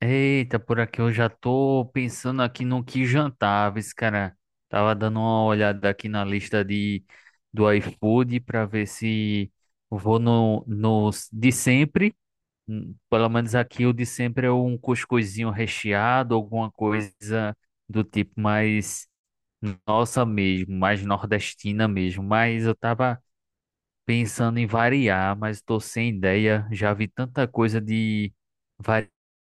Eita, por aqui eu já tô pensando aqui no que jantar, viu, esse cara. Tava dando uma olhada aqui na lista de do iFood para ver se eu vou no, nos de sempre. Pelo menos aqui o de sempre é um cuscuzinho recheado, alguma coisa do tipo mais nossa mesmo, mais nordestina mesmo. Mas eu tava pensando em variar, mas estou sem ideia. Já vi tanta coisa de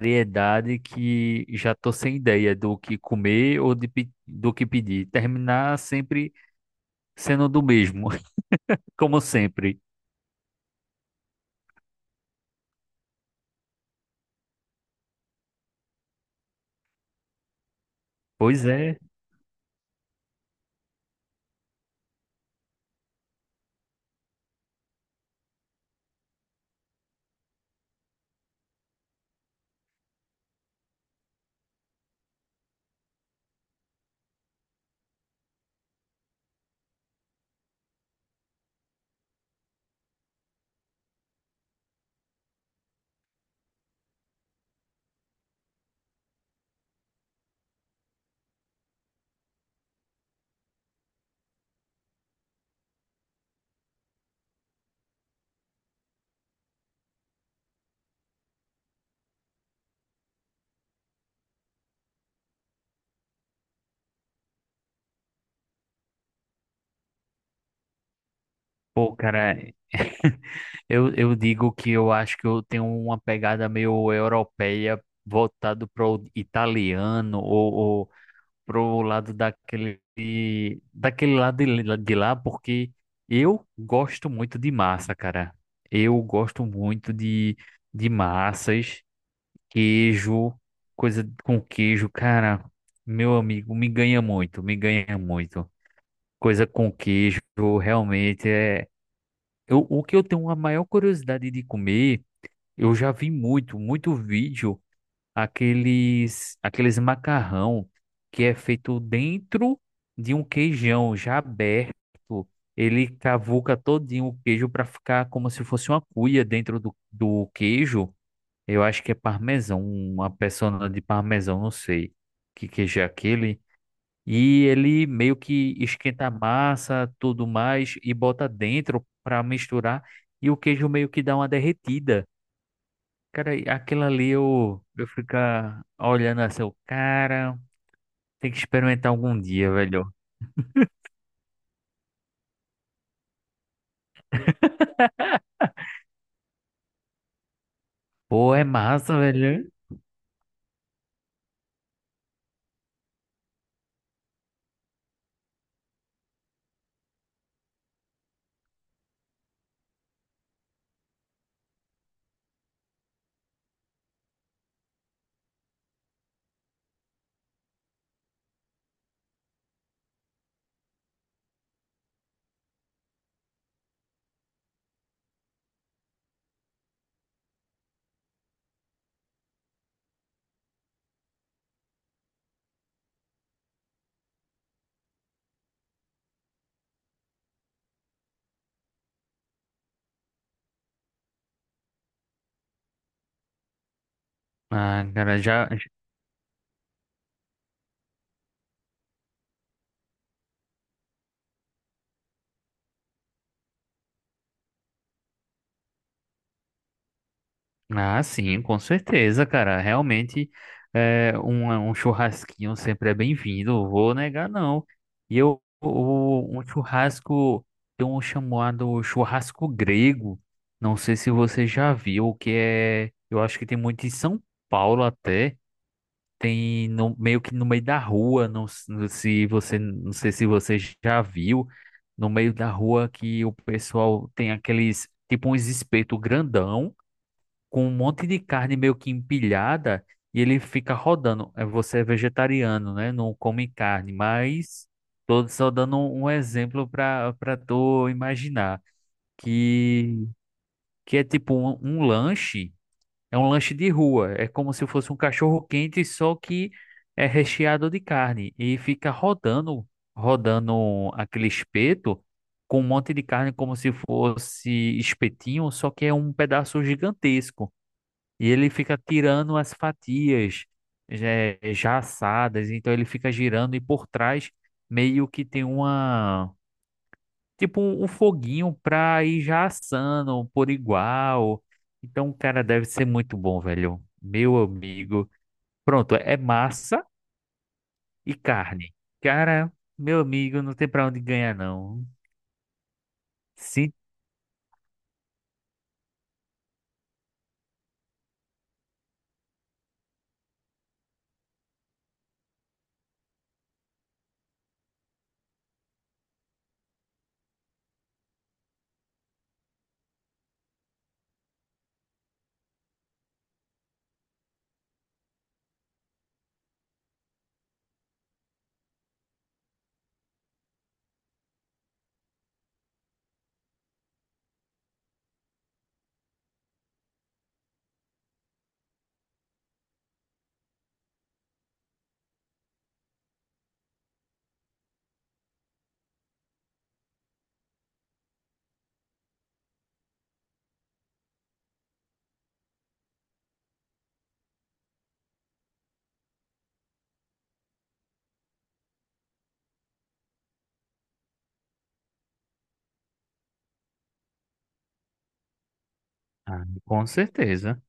variedade que já estou sem ideia do que comer ou do que pedir. Terminar sempre sendo do mesmo, como sempre. Pois é, pô, cara, eu digo que eu acho que eu tenho uma pegada meio europeia voltado para o italiano ou, pro lado daquele daquele lado de lá, porque eu gosto muito de massa, cara. Eu gosto muito de massas, queijo, coisa com queijo, cara. Meu amigo, me ganha muito, me ganha muito. Coisa com queijo, realmente é. Eu, o que eu tenho a maior curiosidade de comer, eu já vi muito, muito vídeo aqueles aqueles macarrão que é feito dentro de um queijão já aberto. Ele cavuca todinho o queijo para ficar como se fosse uma cuia dentro do, do queijo. Eu acho que é parmesão, uma persona de parmesão, não sei que queijo é aquele. E ele meio que esquenta a massa, tudo mais, e bota dentro para misturar. E o queijo meio que dá uma derretida. Cara, e aquilo ali eu ficar olhando assim, o cara, tem que experimentar algum dia, velho. Pô, é massa, velho. Ah, cara, já. Ah, sim, com certeza, cara. Realmente, é, um churrasquinho sempre é bem-vindo, vou negar, não. E eu, o, um churrasco, tem um chamado churrasco grego. Não sei se você já viu, que é. Eu acho que tem muito em São Paulo até. Tem no, meio que no meio da rua, não, não se você, não sei se você já viu, no meio da rua que o pessoal tem aqueles, tipo uns espeto grandão, com um monte de carne meio que empilhada, e ele fica rodando. É, você é vegetariano, né? Não come carne, mas tô só dando um exemplo para tu imaginar, que, que é tipo um lanche é um lanche de rua. É como se fosse um cachorro quente, só que é recheado de carne. E fica rodando, rodando aquele espeto com um monte de carne, como se fosse espetinho, só que é um pedaço gigantesco. E ele fica tirando as fatias já, já assadas. Então ele fica girando e por trás meio que tem uma tipo um, um foguinho pra ir já assando por igual. Então, cara, deve ser muito bom, velho. Meu amigo. Pronto, é massa e carne. Cara, meu amigo, não tem pra onde ganhar, não. Sim, ah, com certeza.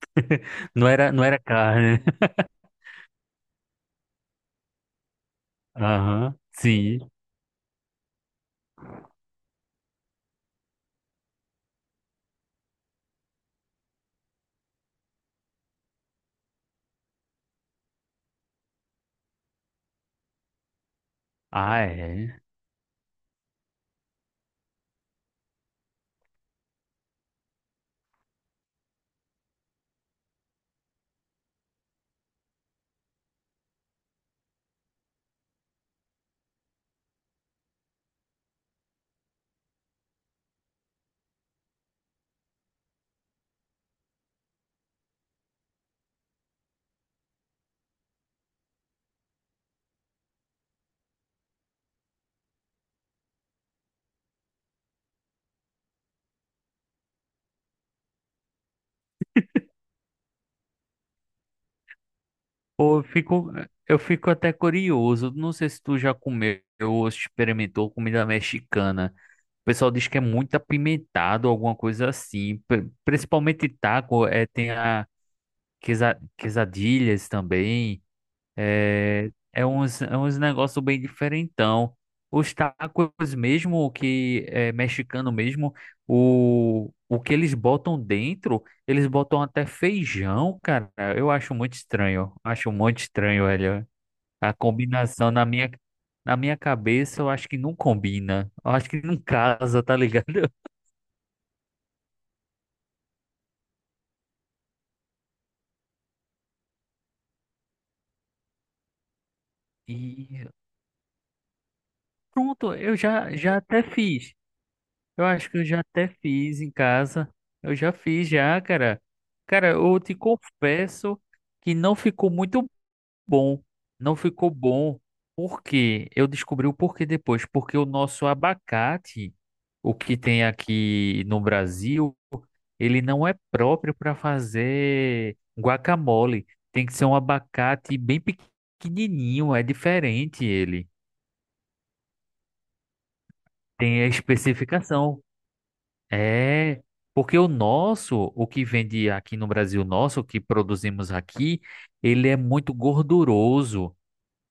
Não era, não era carne. Aham, sim. Ah, é. Pô, eu fico até curioso. Não sei se tu já comeu ou experimentou comida mexicana. O pessoal diz que é muito apimentado, alguma coisa assim. Principalmente taco, é, tem a quesadilhas também. É, é uns negócios bem diferentão. Os tacos mesmo, que é mexicano mesmo, o que eles botam dentro, eles botam até feijão, cara. Eu acho muito estranho. Acho muito estranho, velho. A combinação na minha cabeça, eu acho que não combina. Eu acho que não casa, tá ligado? E pronto, eu já, já até fiz. Eu acho que eu já até fiz em casa. Eu já fiz já, cara. Cara, eu te confesso que não ficou muito bom. Não ficou bom. Por quê? Eu descobri o porquê depois. Porque o nosso abacate, o que tem aqui no Brasil, ele não é próprio para fazer guacamole. Tem que ser um abacate bem pequenininho, é diferente ele. Tem a especificação. É, porque o nosso, o que vende aqui no Brasil, nosso, o que produzimos aqui, ele é muito gorduroso.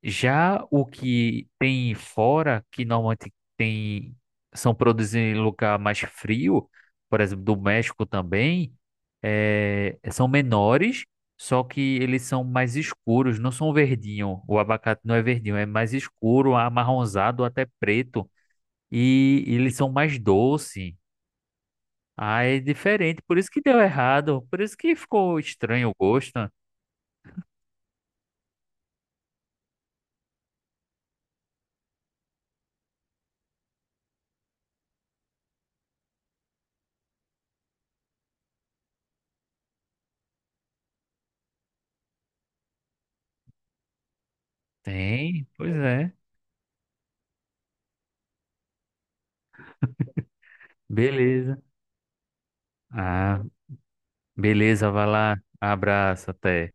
Já o que tem fora, que normalmente tem, são produzidos em lugar mais frio, por exemplo, do México também, é, são menores, só que eles são mais escuros, não são verdinho. O abacate não é verdinho, é mais escuro, amarronzado, até preto. E, eles são mais doces. Ah, é diferente. Por isso que deu errado. Por isso que ficou estranho o gosto, né? Tem, pois é. Beleza. Ah, beleza, vai lá. Abraço, até.